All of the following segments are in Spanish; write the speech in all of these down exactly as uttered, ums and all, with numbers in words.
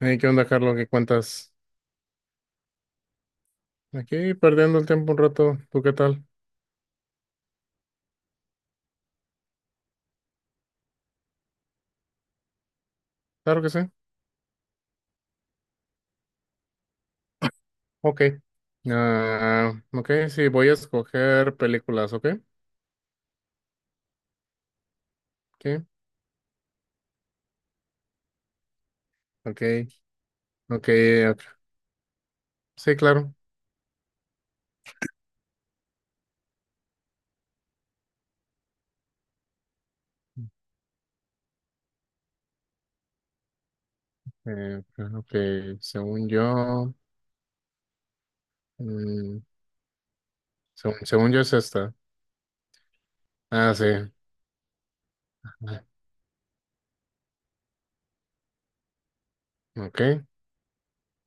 Hey, ¿qué onda, Carlos? ¿Qué cuentas? Aquí perdiendo el tiempo un rato. ¿Tú qué tal? Claro que sí. Ok. Ah, ok, sí, voy a escoger películas, ¿ok? Sí, ok, ok. ok. Sí, claro. Eh, ok, según yo, mm, según, según yo es esta. Ah, sí. Ah, Ok.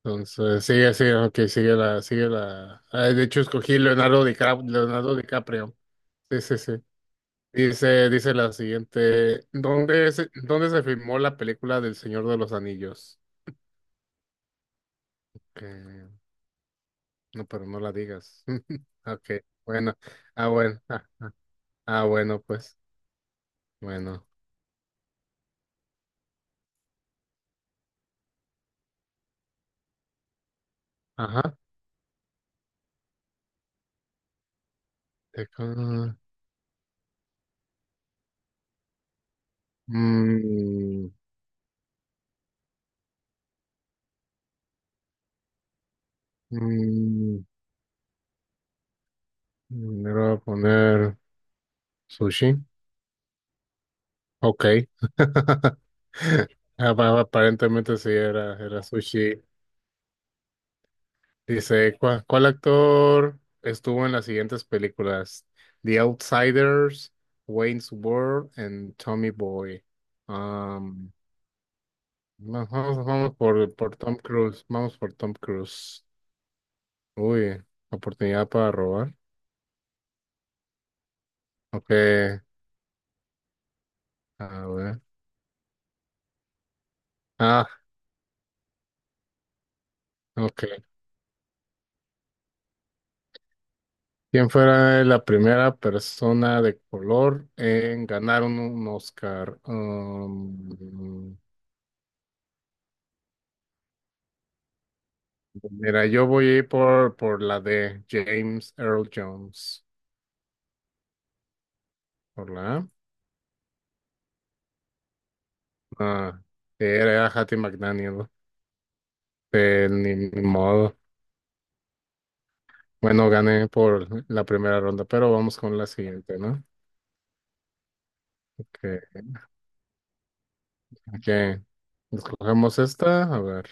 Entonces, sigue, sigue, ok, sigue la, sigue la. Ah, de hecho, escogí Leonardo DiCaprio, Leonardo DiCaprio. Sí, sí, sí. Dice, dice la siguiente, ¿dónde se, ¿dónde se filmó la película del Señor de los Anillos? Eh, no, pero no la digas. Ok, bueno, ah, bueno, ah, ah, bueno, pues, bueno, ajá. te con- Mm, mm, Le voy a poner sushi. Ok. Ap- Aparentemente sí era, era sushi. Dice, ¿cuál, ¿cuál actor estuvo en las siguientes películas? The Outsiders, Wayne's World and Tommy Boy. Um, va- vamos, vamos por, por Tom Cruise. Vamos por Tom Cruise. Uy, oportunidad para robar. Ok, a ver. Ah, ok. ¿Quién fuera la primera persona de color en ganar un, un Oscar? Um, Mira, yo voy a ir por, por la de James Earl Jones. Por la A. Ah, era, Hattie McDaniel. Eh, ni, ni modo. Bueno, gané por la primera ronda, pero vamos con la siguiente, ¿no? Que que Escogemos esta. A ver.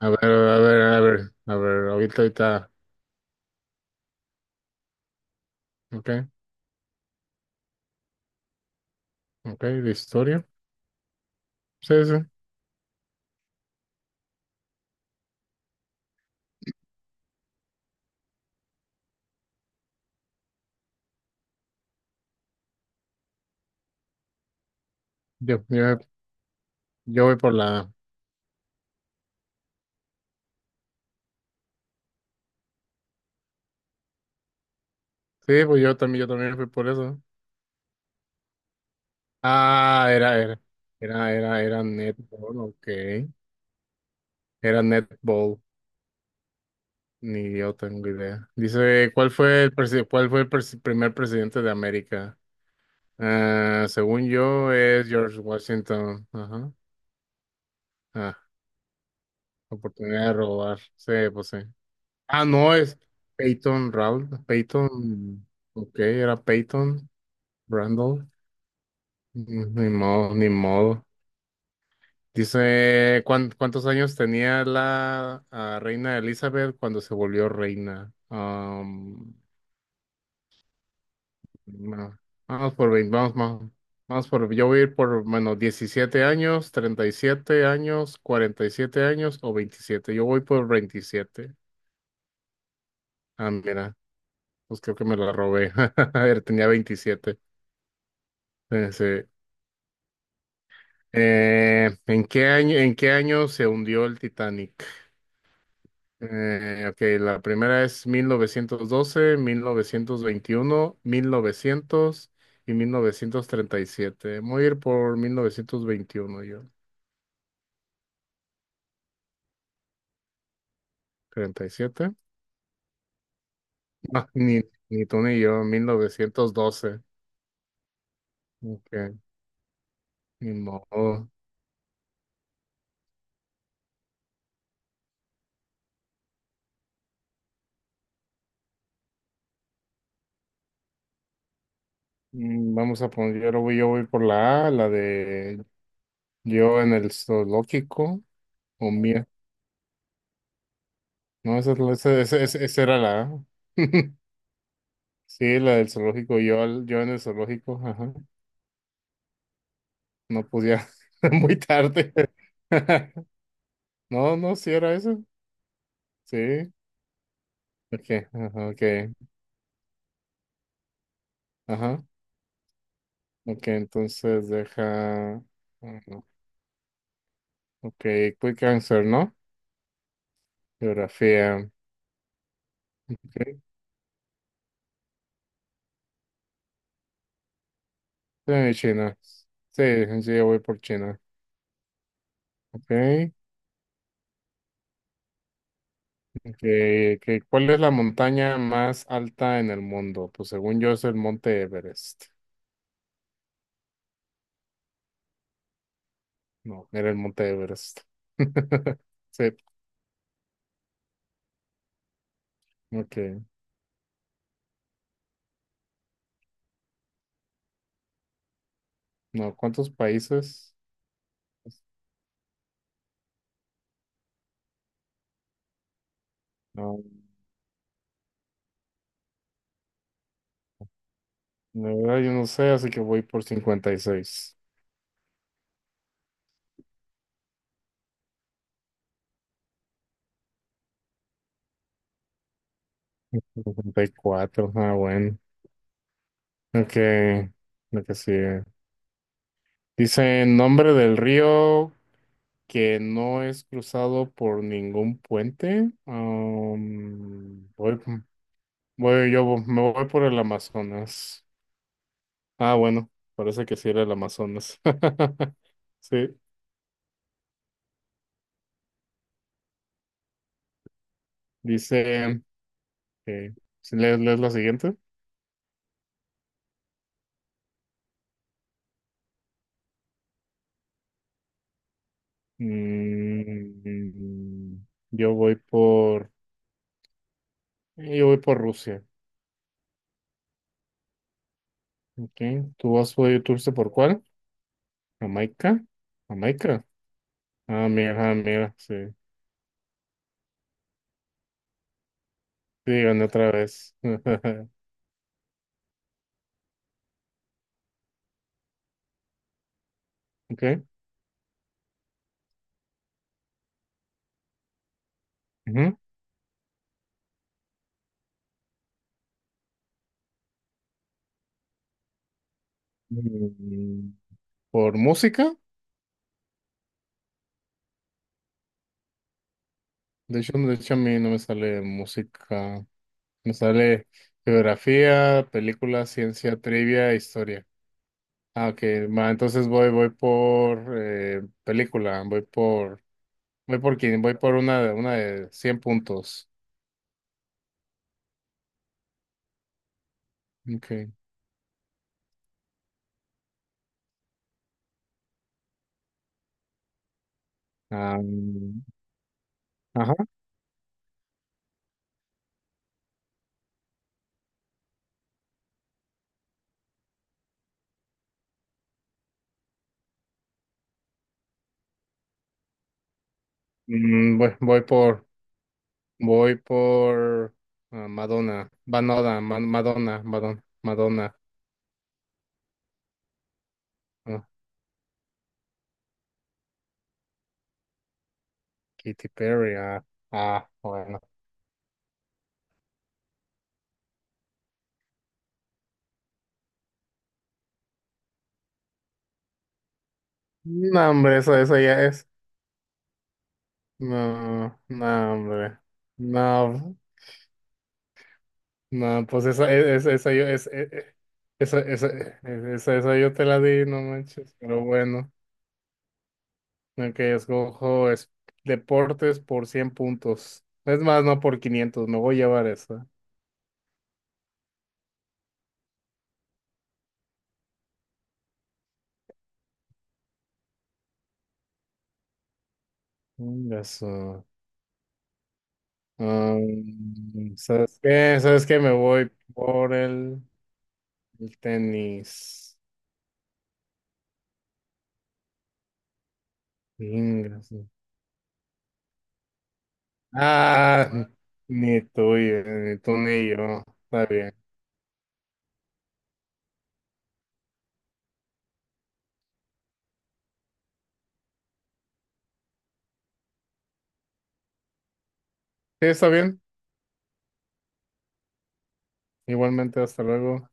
A ver, a ver, a ver, A ver, ahorita, ahorita. Ok, ok, de historia. Sí, sí. Yo, yo, yo voy por la. Sí, pues yo también, yo también fui por eso. Ah, era, era, era, era, era netball, ok. Era netball, ni yo tengo idea. Dice, ¿cuál fue el, presi- ¿cuál fue el presi- primer presidente de América? Ah, según yo, es George Washington. Ajá. Ah, oportunidad de robar. Sí, pues sí. Ah, no, es Peyton Round. Peyton, ok, era Peyton Randall. Mm, Ni modo, ni modo. Dice, ¿cuán- ¿cuántos años tenía la ah, reina Elizabeth cuando se volvió reina? Am, no. Vamos por veinte, vamos, vamos, vamos por, yo voy a ir por, bueno, diecisiete años, treinta y siete años, cuarenta y siete años o veintisiete. Yo voy por veintisiete. Ah, mira, pues creo que me la robé. A ver, tenía veintisiete. Eh, sí. Eh, ¿en qué año, ¿en qué año se hundió el Titanic? Eh, ok, la primera es mil mil novecientos novecientos doce, mil novecientos veintiuno, mil novecientos y mil novecientos treinta y siete. Voy a ir por mil novecientos veintiuno, yo. ¿treinta y siete? No, ni, ni tú ni yo, mil novecientos doce. Ok, ni modo. Mm, Vamos a poner, yo voy, yo voy por la A, la de yo en el zoológico o mía. No, esa, es la- esa, esa, esa esa era la A. Sí, la del zoológico, yo, al- yo en el zoológico, ajá. No podía, muy tarde. No, no, sí era eso. Sí. Ok, ajá, ok. Ajá. Ok, entonces deja. Ajá, Ok, Quick Answer, ¿no? Geografía. Okay. Sí, China. Sí, sí, yo voy por China. Ok, ok, ok. ¿Cuál es la montaña más alta en el mundo? Pues según yo es el Monte Everest. No, era el Monte Everest. Sí, ok. No, ¿cuántos países? No, la verdad yo no sé, así que voy por cincuenta cincuenta y seis cincuenta y cuatro ah, bueno. Ok, lo que sigue. Dice nombre del río que no es cruzado por ningún puente. Um, voy, voy- yo vo- me voy por el Amazonas. Ah, bueno, parece que sí era el Amazonas. Sí, dice que... ¿Lees, lees la siguiente? Mm, yo voy por... Y Yo voy por Rusia. Okay. ¿Tú vas por ¿tú fuiste por cuál? Jamaica. Jamaica. Ah, mira, ah, mira, sí. Sí, gané otra vez. Ok. Ujú. Mm, ¿Por música? De hecho, de hecho, a mí no me sale música. Me sale geografía, película, ciencia, trivia, historia. Ah, ok. Va, entonces voy, voy por eh, película. Voy por, voy por quién? Voy por una, de- una de cien puntos. Ok. Ah, mm, Mm, voy, voy por, voy por Ah, Madonna, Madonna, Ma- Madonna, Madonna, Madonna, ah, Katy Perry, ah, ah, bueno. No, hombre, eso, eso ya es. No, no, hombre. No, no, pues esa, e- esa, yo, es, e- e- esa, esa, e- esa, esa yo te la di, no manches, pero bueno. Ok, escojo es, deportes por cien puntos. Es más, no por quinientos me voy a llevar esa. Eso. Ah, ¿sabes qué? ¿Sabes qué? Me voy por el, el tenis. Ingas. Ah, ni tú, y- ni tú ni yo. Está bien. Sí, está bien. Igualmente, hasta luego.